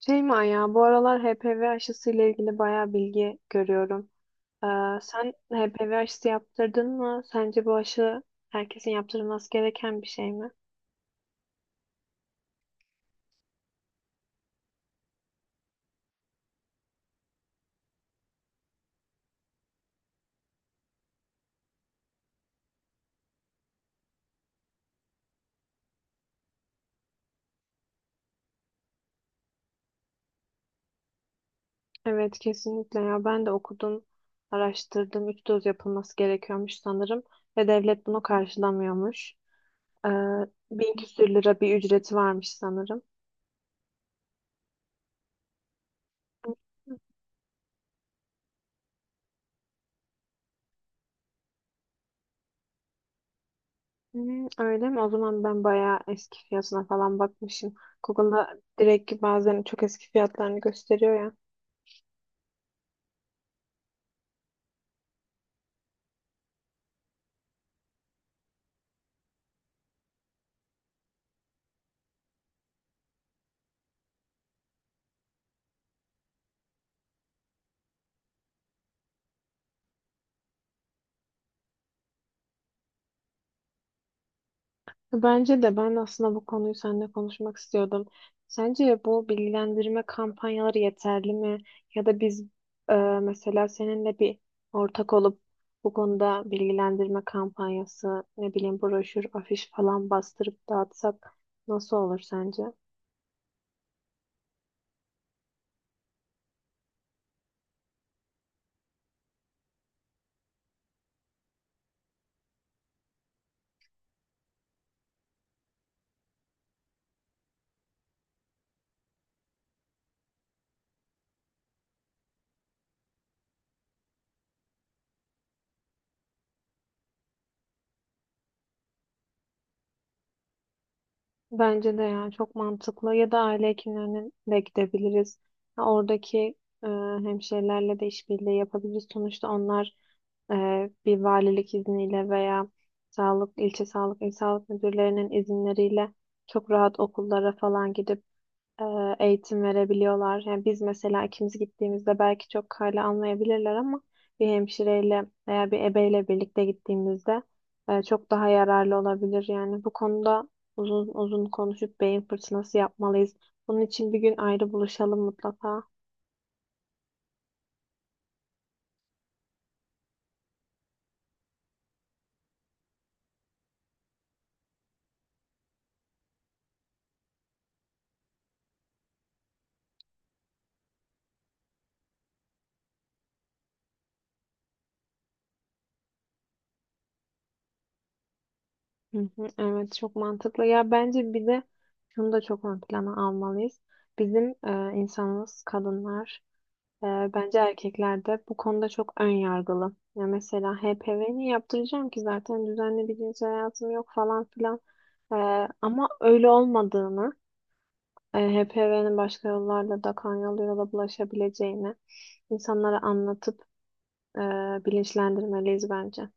Şey mi ya, bu aralar HPV aşısı ile ilgili bayağı bilgi görüyorum. Ee, Sen HPV aşısı yaptırdın mı? Sence bu aşı herkesin yaptırılması gereken bir şey mi? Evet, kesinlikle ya. Ben de okudum, araştırdım. Üç doz yapılması gerekiyormuş sanırım ve devlet bunu karşılamıyormuş. Ee, Bin küsür lira bir ücreti varmış sanırım. Hmm, öyle mi? O zaman ben bayağı eski fiyatına falan bakmışım. Google'da direkt bazen çok eski fiyatlarını gösteriyor ya. Bence de ben aslında bu konuyu seninle konuşmak istiyordum. Sence bu bilgilendirme kampanyaları yeterli mi? Ya da biz e, mesela seninle bir ortak olup bu konuda bilgilendirme kampanyası, ne bileyim broşür, afiş falan bastırıp dağıtsak nasıl olur sence? Bence de ya çok mantıklı. Ya da aile hekimlerine de gidebiliriz. Ha, oradaki e, hemşirelerle de işbirliği yapabiliriz. Sonuçta onlar e, bir valilik izniyle veya sağlık ilçe sağlık il sağlık müdürlerinin izinleriyle çok rahat okullara falan gidip e, eğitim verebiliyorlar. Yani biz mesela ikimiz gittiğimizde belki çok hala anlayabilirler ama bir hemşireyle veya bir ebeyle birlikte gittiğimizde çok daha yararlı olabilir. Yani bu konuda uzun uzun konuşup beyin fırtınası yapmalıyız. Bunun için bir gün ayrı buluşalım mutlaka. Hı hı, evet çok mantıklı. Ya bence bir de şunu da çok ön plana almalıyız. Bizim insanımız kadınlar. Bence erkekler de bu konuda çok ön yargılı. Ya mesela HPV niye yaptıracağım ki zaten düzenli bir cinsel hayatım yok falan filan. Ama öyle olmadığını, HPV'nin başka yollarla da kan yoluyla da bulaşabileceğini insanlara anlatıp e, bilinçlendirmeliyiz bence.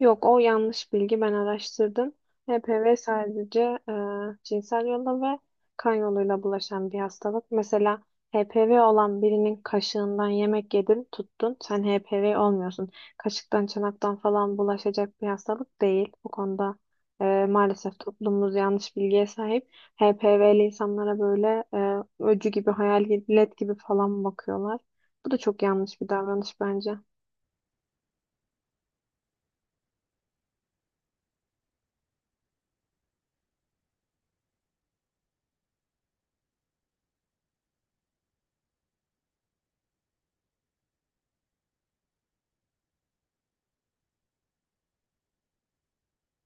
Yok, o yanlış bilgi, ben araştırdım. HPV sadece e, cinsel yolla ve kan yoluyla bulaşan bir hastalık. Mesela HPV olan birinin kaşığından yemek yedin, tuttun, sen HPV olmuyorsun. Kaşıktan çanaktan falan bulaşacak bir hastalık değil. Bu konuda maalesef toplumumuz yanlış bilgiye sahip. HPV'li insanlara böyle öcü gibi, hayalet gibi falan bakıyorlar. Bu da çok yanlış bir davranış bence.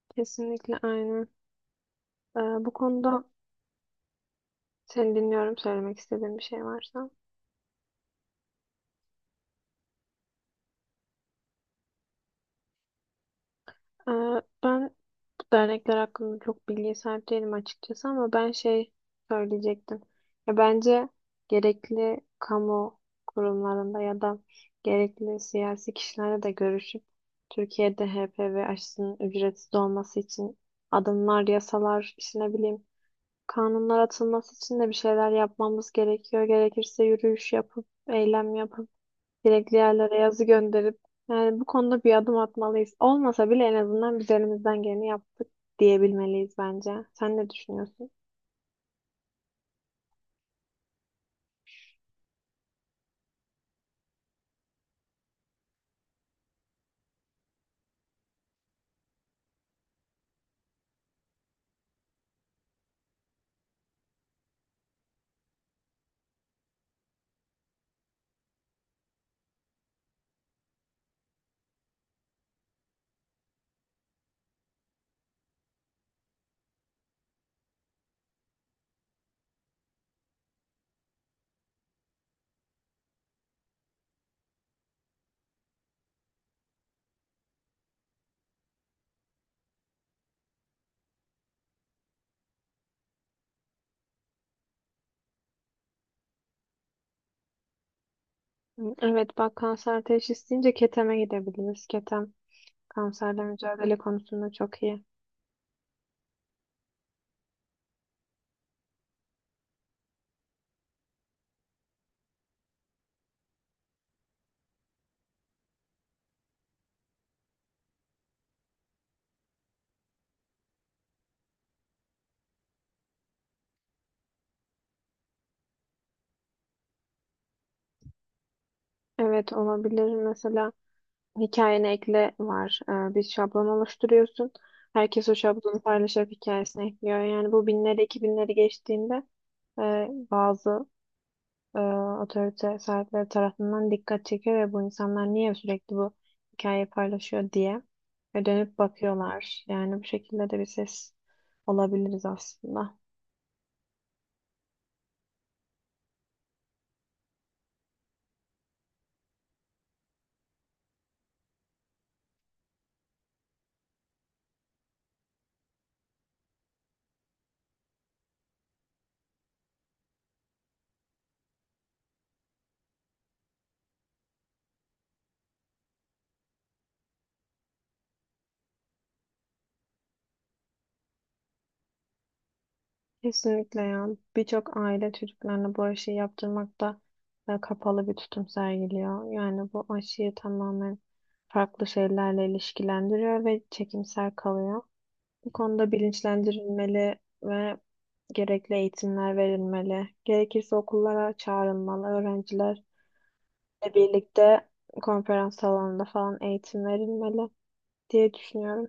Kesinlikle aynı. Ee, Bu konuda seni dinliyorum, söylemek istediğin bir şey varsa. Ee, Ben bu dernekler hakkında çok bilgiye sahip değilim açıkçası, ama ben şey söyleyecektim. Ya bence gerekli kamu kurumlarında ya da gerekli siyasi kişilerle de görüşüp Türkiye'de HPV aşısının ücretsiz olması için adımlar, yasalar, işte ne bileyim kanunlar atılması için de bir şeyler yapmamız gerekiyor. Gerekirse yürüyüş yapıp, eylem yapıp, gerekli yerlere yazı gönderip, yani bu konuda bir adım atmalıyız. Olmasa bile en azından biz elimizden geleni yaptık diyebilmeliyiz bence. Sen ne düşünüyorsun? Evet, bak, kanser teşhis deyince Keteme gidebiliriz. Ketem kanserle mücadele konusunda çok iyi. Evet, olabilir mesela. Hikayene ekle var. Bir şablon oluşturuyorsun. Herkes o şablonu paylaşarak hikayesine ekliyor. Yani bu binleri, iki binleri geçtiğinde e, bazı e, otorite sahipleri tarafından dikkat çekiyor ve bu insanlar niye sürekli bu hikayeyi paylaşıyor diye ve dönüp bakıyorlar. Yani bu şekilde de bir ses olabiliriz aslında. Kesinlikle ya. Birçok aile çocuklarına bu aşıyı yaptırmakta kapalı bir tutum sergiliyor. Yani bu aşıyı tamamen farklı şeylerle ilişkilendiriyor ve çekimsel kalıyor. Bu konuda bilinçlendirilmeli ve gerekli eğitimler verilmeli. Gerekirse okullara çağrılmalı. Öğrencilerle birlikte konferans salonunda falan eğitim verilmeli diye düşünüyorum.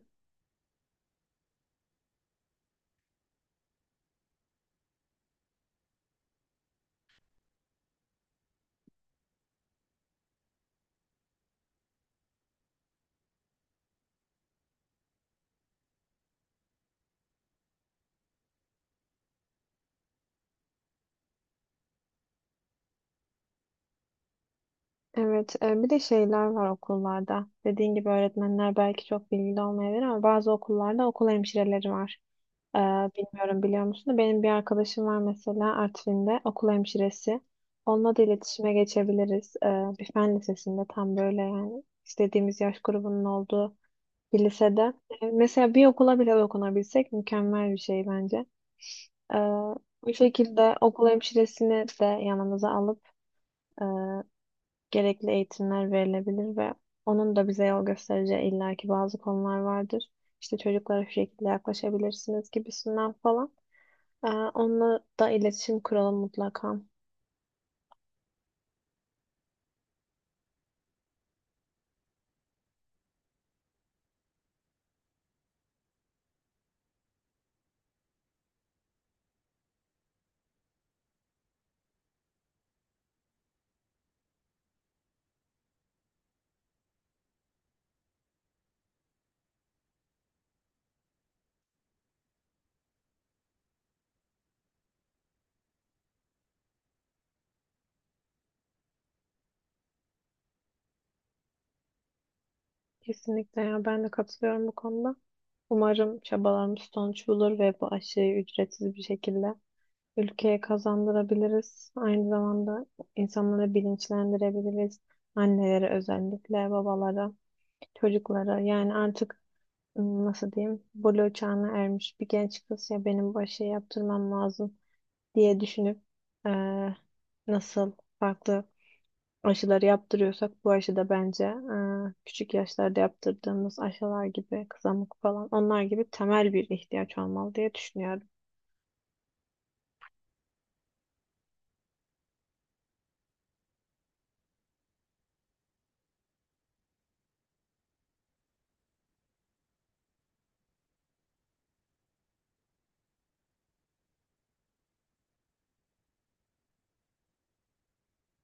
Evet, bir de şeyler var okullarda. Dediğin gibi öğretmenler belki çok bilgili olmayabilir, ama bazı okullarda okul hemşireleri var. E, Bilmiyorum, biliyor musun da benim bir arkadaşım var mesela Artvin'de okul hemşiresi. Onunla da iletişime geçebiliriz. Bir fen lisesinde, tam böyle yani istediğimiz yaş grubunun olduğu bir lisede. Mesela bir okula bile dokunabilsek mükemmel bir şey bence. E, Bu şekilde okul hemşiresini de yanımıza alıp e, gerekli eğitimler verilebilir ve onun da bize yol göstereceği illaki bazı konular vardır. İşte çocuklara şu şekilde yaklaşabilirsiniz gibisinden falan. Ee, Onunla da iletişim kuralım mutlaka. Kesinlikle ya, ben de katılıyorum bu konuda. Umarım çabalarımız sonuç bulur ve bu aşıyı ücretsiz bir şekilde ülkeye kazandırabiliriz. Aynı zamanda insanları bilinçlendirebiliriz. Annelere özellikle, babalara, çocuklara, yani artık nasıl diyeyim, buluğ çağına ermiş bir genç kız ya benim bu şey yaptırmam lazım diye düşünüp eee, nasıl farklı aşıları yaptırıyorsak, bu aşı da bence küçük yaşlarda yaptırdığımız aşılar gibi, kızamık falan, onlar gibi temel bir ihtiyaç olmalı diye düşünüyorum.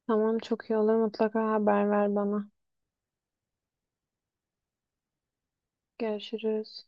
Tamam, çok iyi olur, mutlaka haber ver bana. Görüşürüz.